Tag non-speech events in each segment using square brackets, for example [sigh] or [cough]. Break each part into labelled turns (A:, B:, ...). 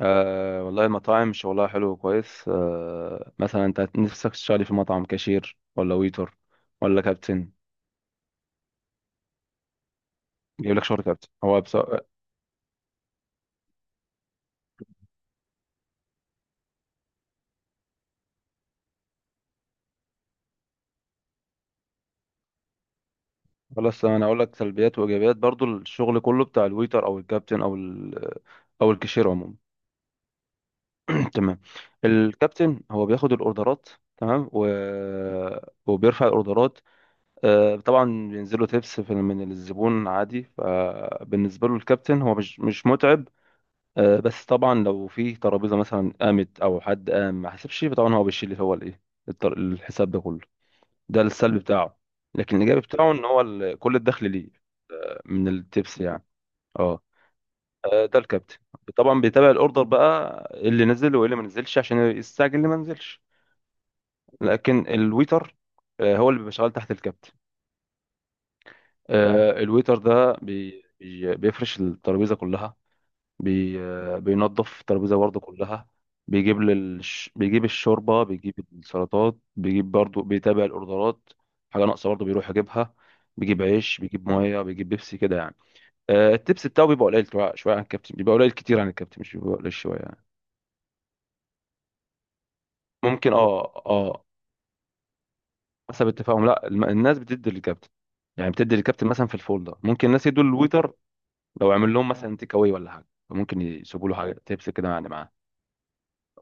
A: والله المطاعم شغلها حلو وكويس، مثلا انت نفسك تشتغلي في مطعم كاشير ولا ويتر ولا كابتن؟ بيجيب لك شغل كابتن هو بس؟ خلاص انا اقول لك سلبيات وايجابيات، برضو الشغل كله بتاع الويتر او الكابتن او الكاشير عموما. [clears throat] تمام. الكابتن هو بياخد الاوردرات، تمام، وبيرفع الاوردرات، طبعا. بينزلوا تيبس في من الزبون عادي، فبالنسبه له الكابتن هو مش متعب. آه، بس طبعا لو في ترابيزه مثلا قامت او حد قام ما حسبش، طبعا هو بيشيل هو الايه، الحساب ده كله. ده السلبي بتاعه، لكن الايجابي بتاعه ان هو كل الدخل ليه من التبس يعني. اه. آه، ده الكابتن. طبعا بيتابع الاوردر بقى اللي نزل وايه اللي ما نزلش عشان يستعجل اللي ما نزلش. لكن الويتر، هو اللي بيبقى شغال تحت الكابتن. الويتر ده بيفرش الترابيزه كلها، بي بينظف الترابيزة برضه كلها، بيجيب الشوربة، بيجيب السلطات، بيجيب برضه، بيتابع الأوردرات، حاجة ناقصة برضه بيروح يجيبها، بيجيب عيش، بيجيب مية، بيجيب بيبسي كده يعني. آه، التبس بتاعه بيبقى قليل شوية، شوية عن الكابتن، بيبقى قليل كتير عن الكابتن، مش بيبقى قليل شوية يعني. ممكن، اه، اه. حسب اتفاقهم، لا، الناس بتدي للكابتن، يعني بتدي للكابتن مثلا في الفولدر. ممكن الناس يدوا للويتر لو عمل لهم مثلا تيك اواي ولا حاجة، ممكن يسيبوا له حاجة تبس كده يعني معاه.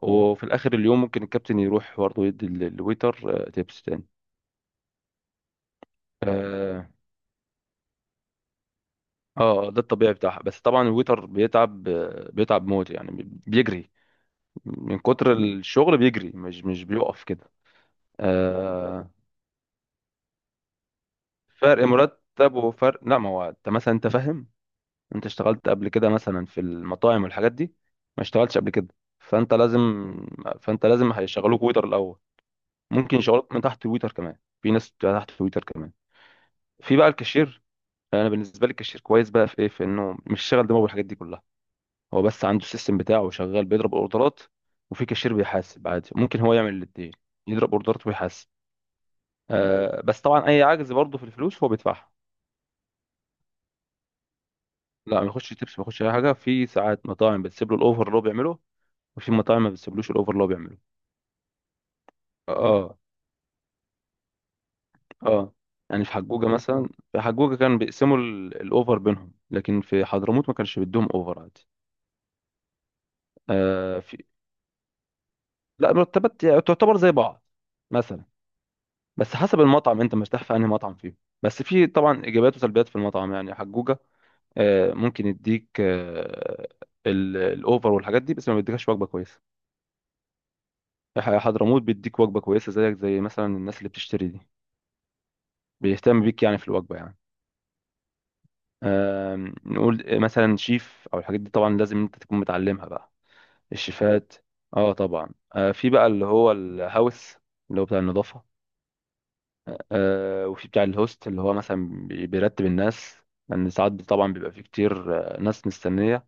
A: وفي الاخر اليوم ممكن الكابتن يروح برضه يدي الويتر، تيبس تاني. اه. آه، ده الطبيعي بتاعها. بس طبعا الويتر بيتعب، بيتعب موت يعني، بيجري من كتر الشغل، بيجري، مش بيقف كده. آه. فرق مرتب، وفرق، لا، ما هو انت مثلا، انت فاهم، انت اشتغلت قبل كده مثلا في المطاعم والحاجات دي؟ ما اشتغلتش قبل كده، فانت لازم، فانت لازم هيشغلوك ويتر الاول. ممكن يشغلوك من تحت الويتر كمان، في ناس تحت الويتر كمان. في بقى الكاشير. فانا بالنسبه لي الكاشير كويس بقى في ايه؟ في انه مش شغل دماغه بالحاجات دي كلها، هو بس عنده السيستم بتاعه شغال، بيضرب اوردرات. وفي كاشير بيحاسب عادي، ممكن هو يعمل الاثنين، يضرب اوردرات ويحاسب. بس طبعا اي عجز برضه في الفلوس هو بيدفعها. لا، ما يخش تبس، ما يخش اي حاجه. في ساعات مطاعم بتسيب له الاوفر اللي هو بيعمله، وفي مطاعم ما بتسيبلوش الاوفر اللي هو بيعمله. اه. اه. يعني في حجوجه، مثلا في حجوجه كان بيقسموا الاوفر بينهم، لكن في حضرموت ما كانش بيدوهم اوفر عادي. آه، في. لا، مرتبات يعني تعتبر زي بعض مثلا. بس حسب المطعم، انت مرتاح في انهي مطعم فيه. بس في طبعا ايجابيات وسلبيات في المطعم يعني، حجوجة ممكن يديك، الاوفر والحاجات دي، بس ما بيديكش وجبة كويسة. حضرموت بيديك وجبة كويسة، زيك زي مثلا الناس اللي بتشتري دي، بيهتم بيك يعني في الوجبة يعني. نقول مثلا شيف او الحاجات دي، طبعا لازم انت تكون متعلمها بقى، الشيفات. اه طبعا. في بقى اللي هو الهاوس، اللي هو بتاع النظافة. آه، وفي بتاع الهوست، اللي هو مثلا بيرتب الناس، لان ساعات طبعا بيبقى في كتير ناس مستنيه،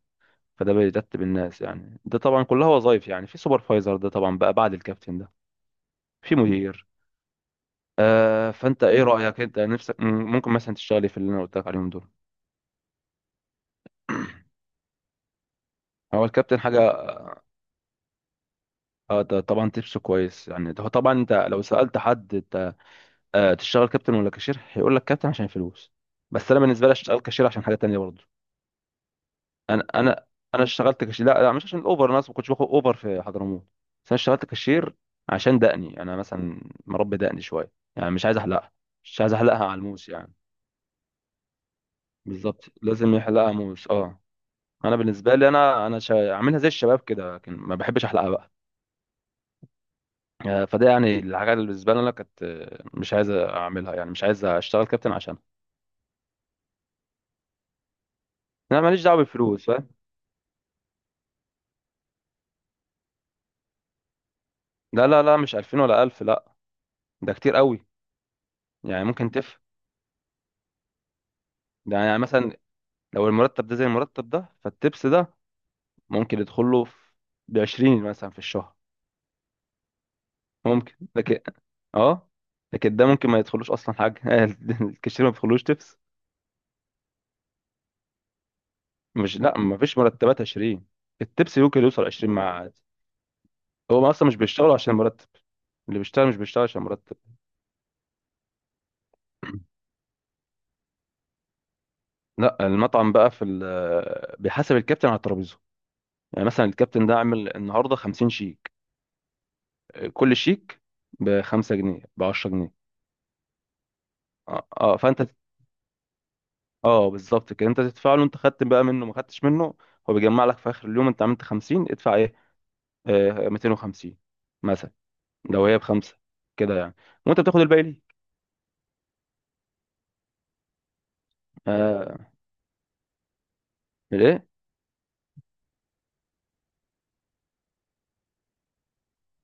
A: فده بيرتب الناس يعني. ده طبعا كلها وظايف يعني. في سوبرفايزر، ده طبعا بقى بعد الكابتن ده. في مدير. فانت ايه رايك انت نفسك، ممكن مثلا تشتغلي في اللي انا قلت لك عليهم دول؟ هو الكابتن حاجه، آه، ده طبعا تبسه كويس يعني. ده هو طبعا انت لو سالت حد، انت تشتغل كابتن ولا كاشير، هيقول لك كابتن عشان الفلوس. بس انا بالنسبه لي اشتغل كاشير عشان حاجه تانية برضه. انا انا انا اشتغلت كاشير، لا لا، مش عشان الاوبر، انا اصلا ما كنتش باخد اوبر في حضرموت، بس انا اشتغلت كاشير عشان دقني يعني. انا مثلا مربي دقني شويه يعني، مش عايز احلقها، مش عايز احلقها على الموس يعني. بالظبط، لازم يحلقها موس، اه. انا بالنسبه لي انا، عاملها زي الشباب كده، لكن ما بحبش احلقها بقى. آه، فده يعني الحاجه اللي بالنسبه لي انا كانت، مش عايز اعملها يعني، مش عايز اشتغل كابتن عشان، انا ماليش دعوه بالفلوس فاهم. لا لا لا، مش 2000 ولا 1000، لا، ده كتير قوي. يعني ممكن يعني مثلا، لو المرتب ده زي المرتب ده، فالتبس ده ممكن يدخله في بعشرين مثلا في الشهر، ممكن. لكن، اه، لكن ده ممكن ما يدخلوش اصلا حاجه. [laughs] الكاشير ما بيدخلوش تبس. مش لا، ما فيش مرتبات عشرين، التبس ممكن يوصل عشرين، مع، هو اصلا مش بيشتغل عشان المرتب، اللي بيشتغل مش بيشتغل عشان مرتب. [clears throat] لا، المطعم بقى في بيحاسب الكابتن على الترابيزه، يعني مثلا الكابتن ده عامل النهارده 50 شيك، كل شيك ب 5 جنيه، ب 10 جنيه. اه، آه، فانت، اه، بالظبط كده، انت تدفع له، انت خدت بقى منه ما خدتش منه، هو بيجمع لك في اخر اليوم انت عملت 50، ادفع ايه، 250 مثلا، لو هي بخمسه كده يعني، وانت بتاخد الباقي ليه. آه. ليه؟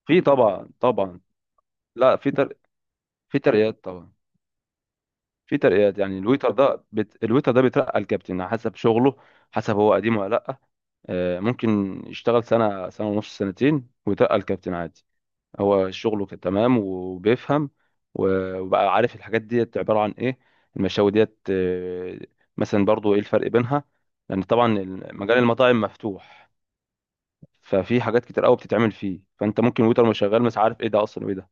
A: في طبعا، طبعا، لا، في ترقيات طبعا، في ترقيات يعني. الويتر ده بيترقى الكابتن على حسب شغله، حسب هو قديم ولا لا. ممكن يشتغل سنه، سنه ونص، سنتين، ويترقى الكابتن عادي. هو شغله كان تمام وبيفهم، وبقى عارف الحاجات ديت عبارة عن ايه، المشاوي ديت، مثلا برضو ايه الفرق بينها، لان طبعا مجال المطاعم مفتوح، ففي حاجات كتير قوي بتتعمل فيه. فانت ممكن ويتر مش شغال، مش عارف ايه ده اصلا وايه ده،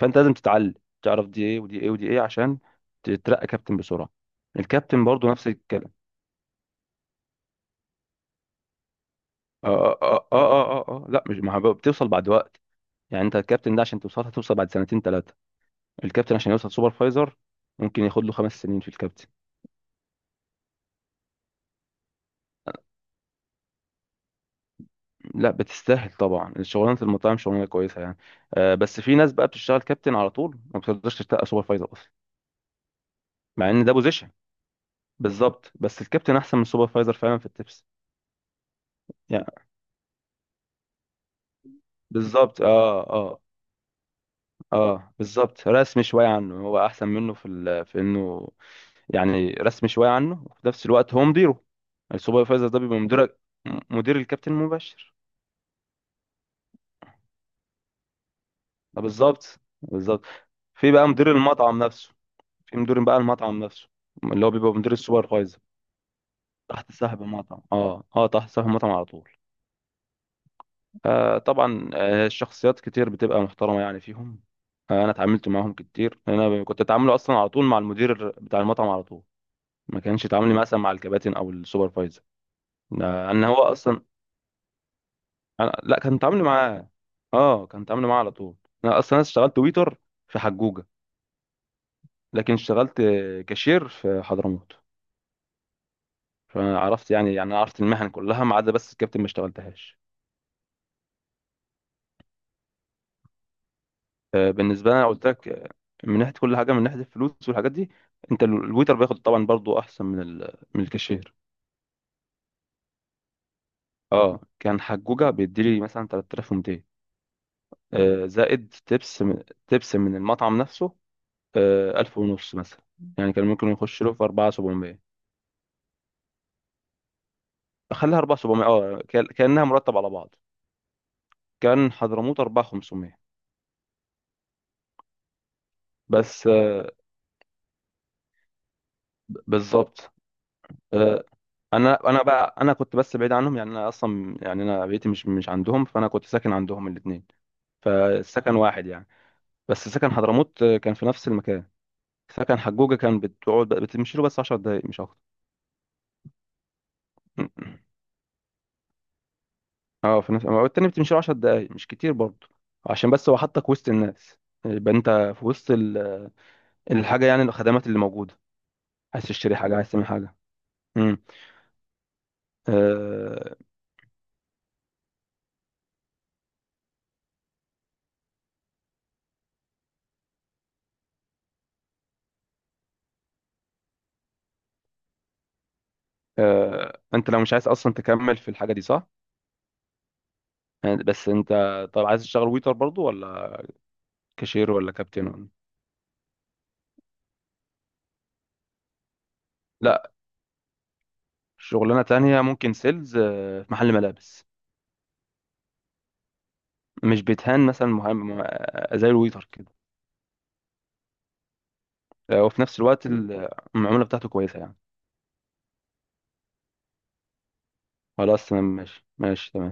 A: فانت لازم تتعلم، تعرف دي ايه ودي ايه ودي ايه عشان تترقى كابتن بسرعة. الكابتن برضو نفس الكلام. اه، اه، اه، اه، اه، آه. آه، لا مش، ما هو بتوصل بعد وقت، يعني انت الكابتن ده عشان توصل، هتوصل بعد سنتين ثلاثة، الكابتن عشان يوصل سوبرفايزر ممكن ياخد له خمس سنين في الكابتن. لا بتستاهل طبعا، شغلانه المطاعم شغلانه كويسه يعني. آه، بس في ناس بقى بتشتغل كابتن على طول، ما بتقدرش تشتغل سوبرفايزر اصلا، مع ان ده بوزيشن. بالظبط، بس الكابتن احسن من السوبرفايزر فعلا في التبس. يعني، بالظبط، اه، اه. اه بالظبط، رسمي شويه عنه، هو احسن منه في في انه يعني رسمي شويه عنه، وفي نفس الوقت هو مديره، السوبرفايزر ده بيبقى مدير، مدير الكابتن المباشر. آه، بالظبط بالظبط. في بقى مدير المطعم نفسه. في مدير بقى المطعم نفسه، اللي هو بيبقى مدير السوبرفايزر. تحت صاحب المطعم، اه اه، تحت صاحب المطعم على طول. آه طبعا، الشخصيات كتير بتبقى محترمة يعني فيهم. انا اتعاملت معاهم كتير، انا كنت اتعامله اصلا على طول مع المدير بتاع المطعم على طول، ما كانش تعاملي مثلا مع الكباتن او السوبرفايزر. آه، ان هو اصلا، لا كان تعاملي معاه، اه كان تعاملي معاه على طول. انا اصلا اشتغلت ويتر في حجوجة، لكن اشتغلت كاشير في حضرموت، فعرفت يعني، عرفت المهن كلها ما عدا بس الكابتن ما اشتغلتهاش. آه، بالنسبه لي انا قلت لك، من ناحيه كل حاجه، من ناحيه الفلوس والحاجات دي، انت الويتر بياخد طبعا برضو احسن من من الكاشير. اه، كان حجوجه بيديلي مثلا 3200، آه، زائد تبس، من المطعم نفسه، آه، 1000 ونص مثلا، يعني كان ممكن يخش له في 4700، خليها 4700، اه، كانها مرتب على بعض. كان حضرموت 4500، بس، بالظبط. انا كنت بس بعيد عنهم، يعني انا اصلا، يعني انا بيتي مش عندهم، فانا كنت ساكن عندهم الاثنين، فالسكن واحد يعني. بس سكن حضرموت، كان في نفس المكان. سكن حجوجة كان بتقعد بتمشي له بس 10 دقايق مش اكتر. [clears throat] اه، في نفس التاني بتمشي له 10 دقايق مش كتير برضه، عشان بس هو حطك وسط الناس، يبقى انت في وسط الحاجه يعني، الخدمات اللي موجوده، عايز تشتري حاجه، عايز تعمل حاجه. امم آه. آه. انت لو مش عايز اصلا تكمل في الحاجه دي صح؟ يعني بس انت، طب عايز تشتغل ويتر برضه ولا كاشير ولا كابتن ولا؟ لا، شغلانة تانية ممكن سيلز، في محل ملابس، مش بيتهان مثلا، مهم، زي الويتر كده، آه، وفي نفس الوقت المعاملة بتاعته كويسة يعني. خلاص تمام، ماشي ماشي تمام.